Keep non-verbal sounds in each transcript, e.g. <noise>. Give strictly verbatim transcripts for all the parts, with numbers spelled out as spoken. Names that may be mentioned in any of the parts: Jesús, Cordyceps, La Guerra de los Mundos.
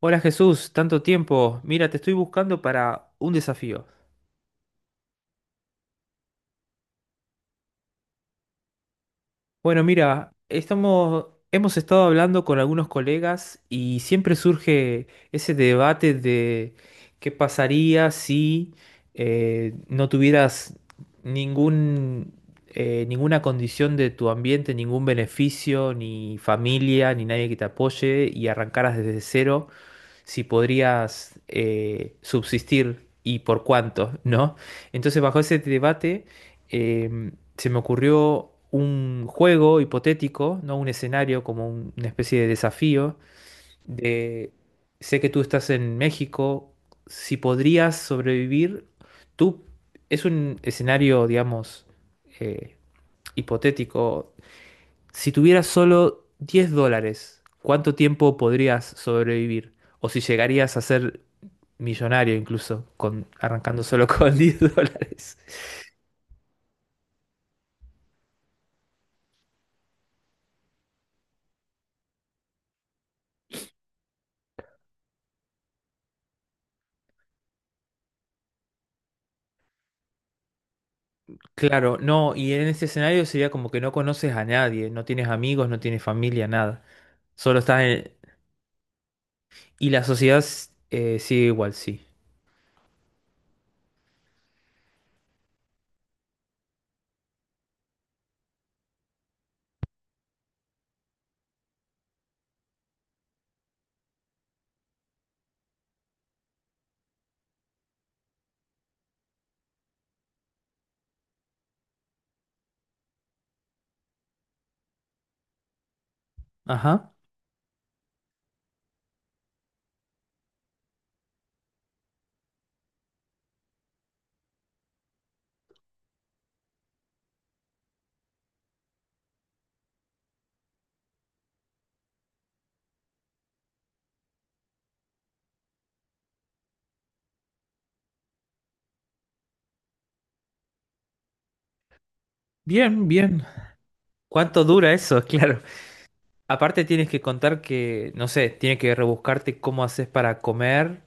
Hola Jesús, tanto tiempo. Mira, te estoy buscando para un desafío. Bueno, mira, estamos, hemos estado hablando con algunos colegas y siempre surge ese debate de qué pasaría si eh, no tuvieras ningún, eh, ninguna condición de tu ambiente, ningún beneficio, ni familia, ni nadie que te apoye y arrancaras desde cero. Si podrías eh, subsistir y por cuánto, ¿no? Entonces, bajo ese debate, eh, se me ocurrió un juego hipotético, ¿no? Un escenario como un- una especie de desafío de, Sé que tú estás en México. Si podrías sobrevivir, tú, es un escenario, digamos, eh, hipotético, si tuvieras solo diez dólares, ¿cuánto tiempo podrías sobrevivir? O si llegarías a hacer millonario incluso, con, arrancando solo con <laughs> diez dólares. Claro, no, y en ese escenario sería como que no conoces a nadie, no tienes amigos, no tienes familia, nada. Solo estás en. Y la sociedad s- eh, sigue igual, sí. Ajá. Bien, bien. ¿Cuánto dura eso? <laughs> Claro. Aparte tienes que contar que, no sé, tienes que rebuscarte cómo haces para comer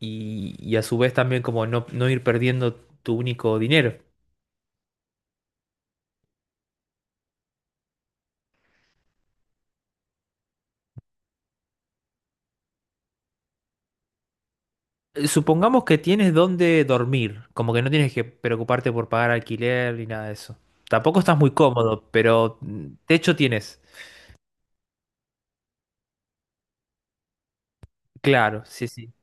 y, y a su vez también como no, no ir perdiendo tu único dinero. eh, Supongamos que tienes dónde dormir, como que no tienes que preocuparte por pagar alquiler ni nada de eso. Tampoco estás muy cómodo, pero mm, techo tienes. Claro, sí, sí.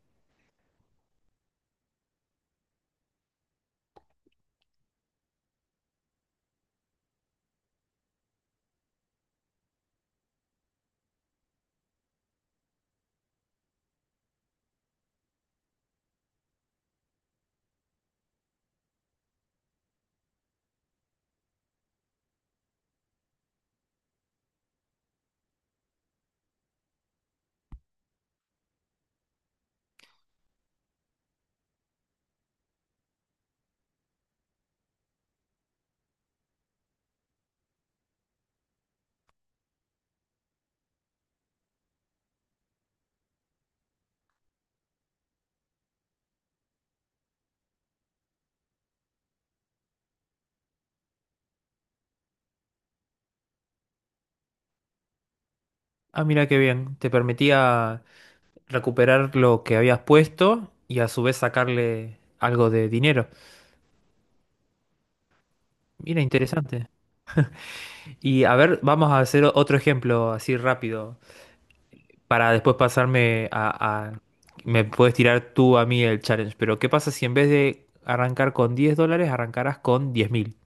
Ah, mira qué bien. Te permitía recuperar lo que habías puesto y a su vez sacarle algo de dinero. Mira, interesante. Y a ver, vamos a hacer otro ejemplo así rápido para después pasarme a, a- Me puedes tirar tú a mí el challenge, pero ¿qué pasa si en vez de arrancar con diez dólares, arrancarás con diez mil.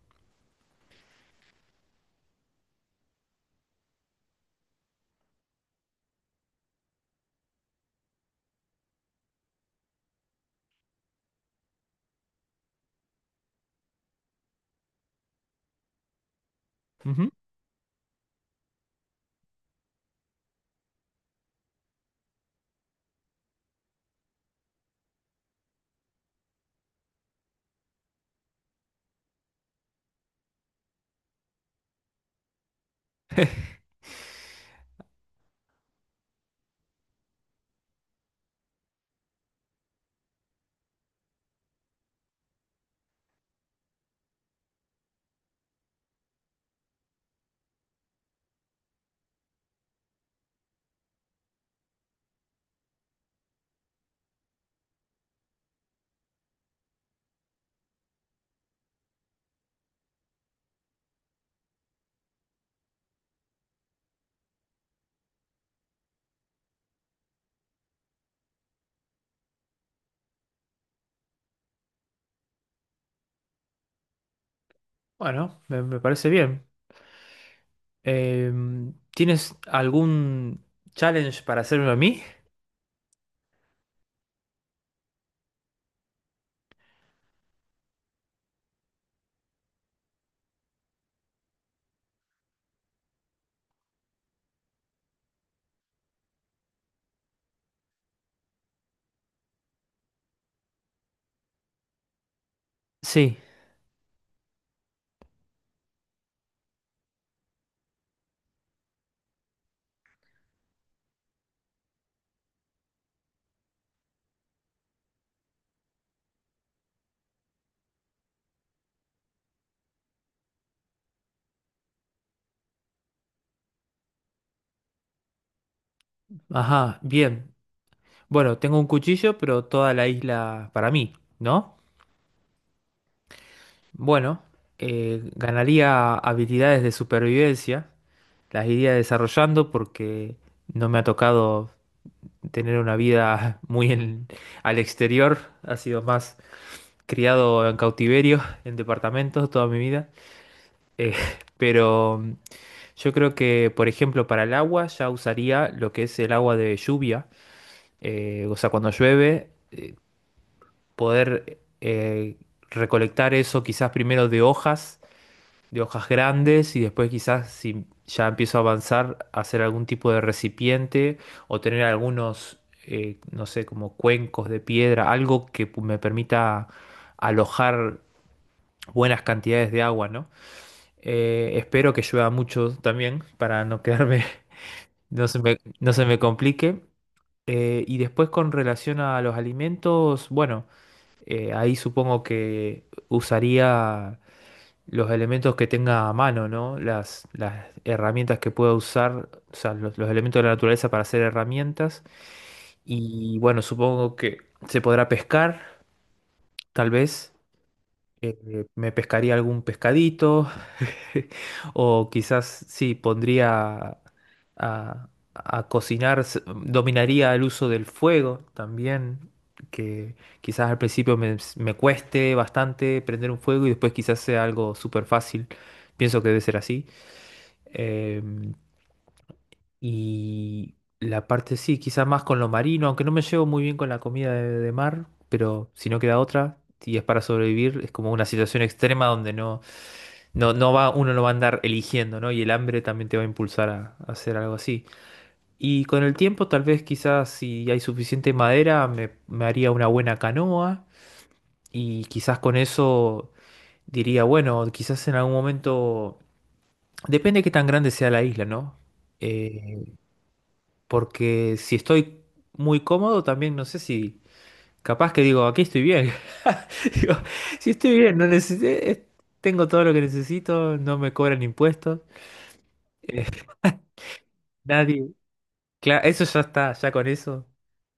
Ujú. Bueno, me, me parece bien. Em, ¿tienes algún challenge para hacerme a mí? Sí, ajá, bien. Bueno, tengo un cuchillo, pero toda la isla para mí, ¿no? Bueno, eh, ganaría habilidades de supervivencia, las iría desarrollando porque no me ha tocado tener una vida <laughs> muy en- al exterior, ha sido más criado en cautiverio, en departamentos toda mi vida. Eh, pero yo creo que, por ejemplo, para el agua ya usaría lo que es el agua de lluvia, eh, o sea, cuando llueve, eh, poder eh, recolectar eso quizás primero de hojas, de hojas grandes, y después quizás si ya empiezo a avanzar, hacer algún tipo de recipiente o tener algunos, eh, no sé, como cuencos de piedra, algo que pu- me permita alojar buenas cantidades de agua, ¿no? Eh, espero que llueva mucho también para no quedarme. <laughs> No se me, no se me complique. Eh, y después con relación a los alimentos, bueno, eh, ahí supongo que usaría los elementos que tenga a mano, ¿no? Las, las herramientas que pueda usar, o sea, los, los elementos de la naturaleza para hacer herramientas. Y bueno, supongo que se podrá pescar, tal vez eh, me pescaría algún pescadito, <laughs> o quizás sí pondría a, a cocinar, s- dominaría el uso del fuego también, que quizás al principio me, me cueste bastante prender un fuego y después quizás sea algo súper fácil, pienso que debe ser así. Em, y la parte sí, quizás más con lo marino, aunque no me llevo muy bien con la comida de, de mar, pero si no queda otra. Y es para sobrevivir, es como una situación extrema donde no no, no va, uno no va a andar eligiendo, ¿no? Y el hambre también te va a impulsar a, a hacer algo así. Y con el tiempo, tal vez quizás si hay suficiente madera, me, me haría una buena canoa. Y quizás con eso diría, bueno, quizás en algún momento. Depende de qué tan grande sea la isla, ¿no? Eh, porque si estoy muy cómodo, también no sé si. Capaz que digo, aquí estoy bien. <laughs> Digo, si estoy bien, no necesito. Tengo todo lo que necesito, no me cobran impuestos. eh, nadie. Claro, eso ya está, ya con eso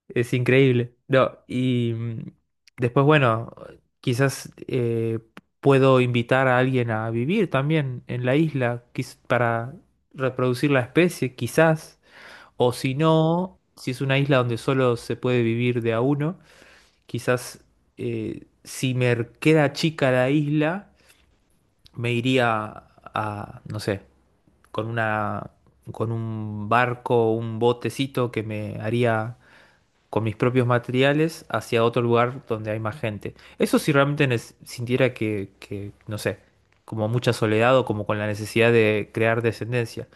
es increíble. No, y mm, después, bueno, quizás eh, puedo invitar a alguien a vivir también en la isla quiz- para reproducir la especie, quizás. O si no, si es una isla donde solo se puede vivir de a uno, quizás eh, si me queda chica la isla, me iría a, no sé, con una, con un barco, un botecito que me haría con mis propios materiales hacia otro lugar donde hay más gente. Eso si realmente nes- sintiera que, que, no sé, como mucha soledad o como con la necesidad de crear descendencia.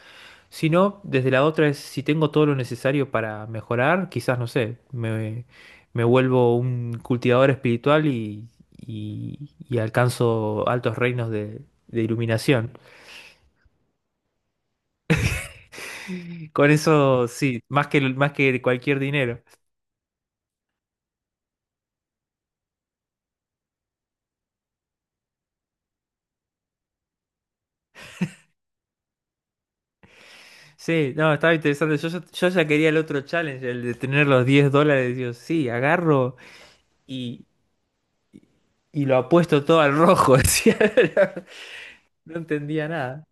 Si no, desde la otra es si tengo todo lo necesario para mejorar, quizás, no sé, me, me vuelvo un cultivador espiritual y, y- y alcanzo altos reinos de, de iluminación. Con eso, sí, más que, más que cualquier dinero. Sí, no, estaba interesante. Yo, ya yo ya quería el otro challenge, el de tener los diez dólares. Digo, sí, agarro y, y lo apuesto todo al rojo. <laughs> decía. No entendía nada.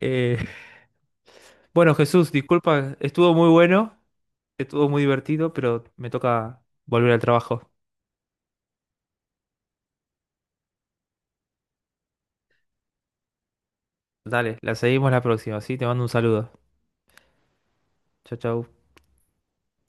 Eh, bueno, Jesús, disculpa, estuvo muy bueno, estuvo muy divertido, pero me toca volver al trabajo. Dale, la seguimos la próxima, ¿sí? Te mando un saludo. Chau, chau.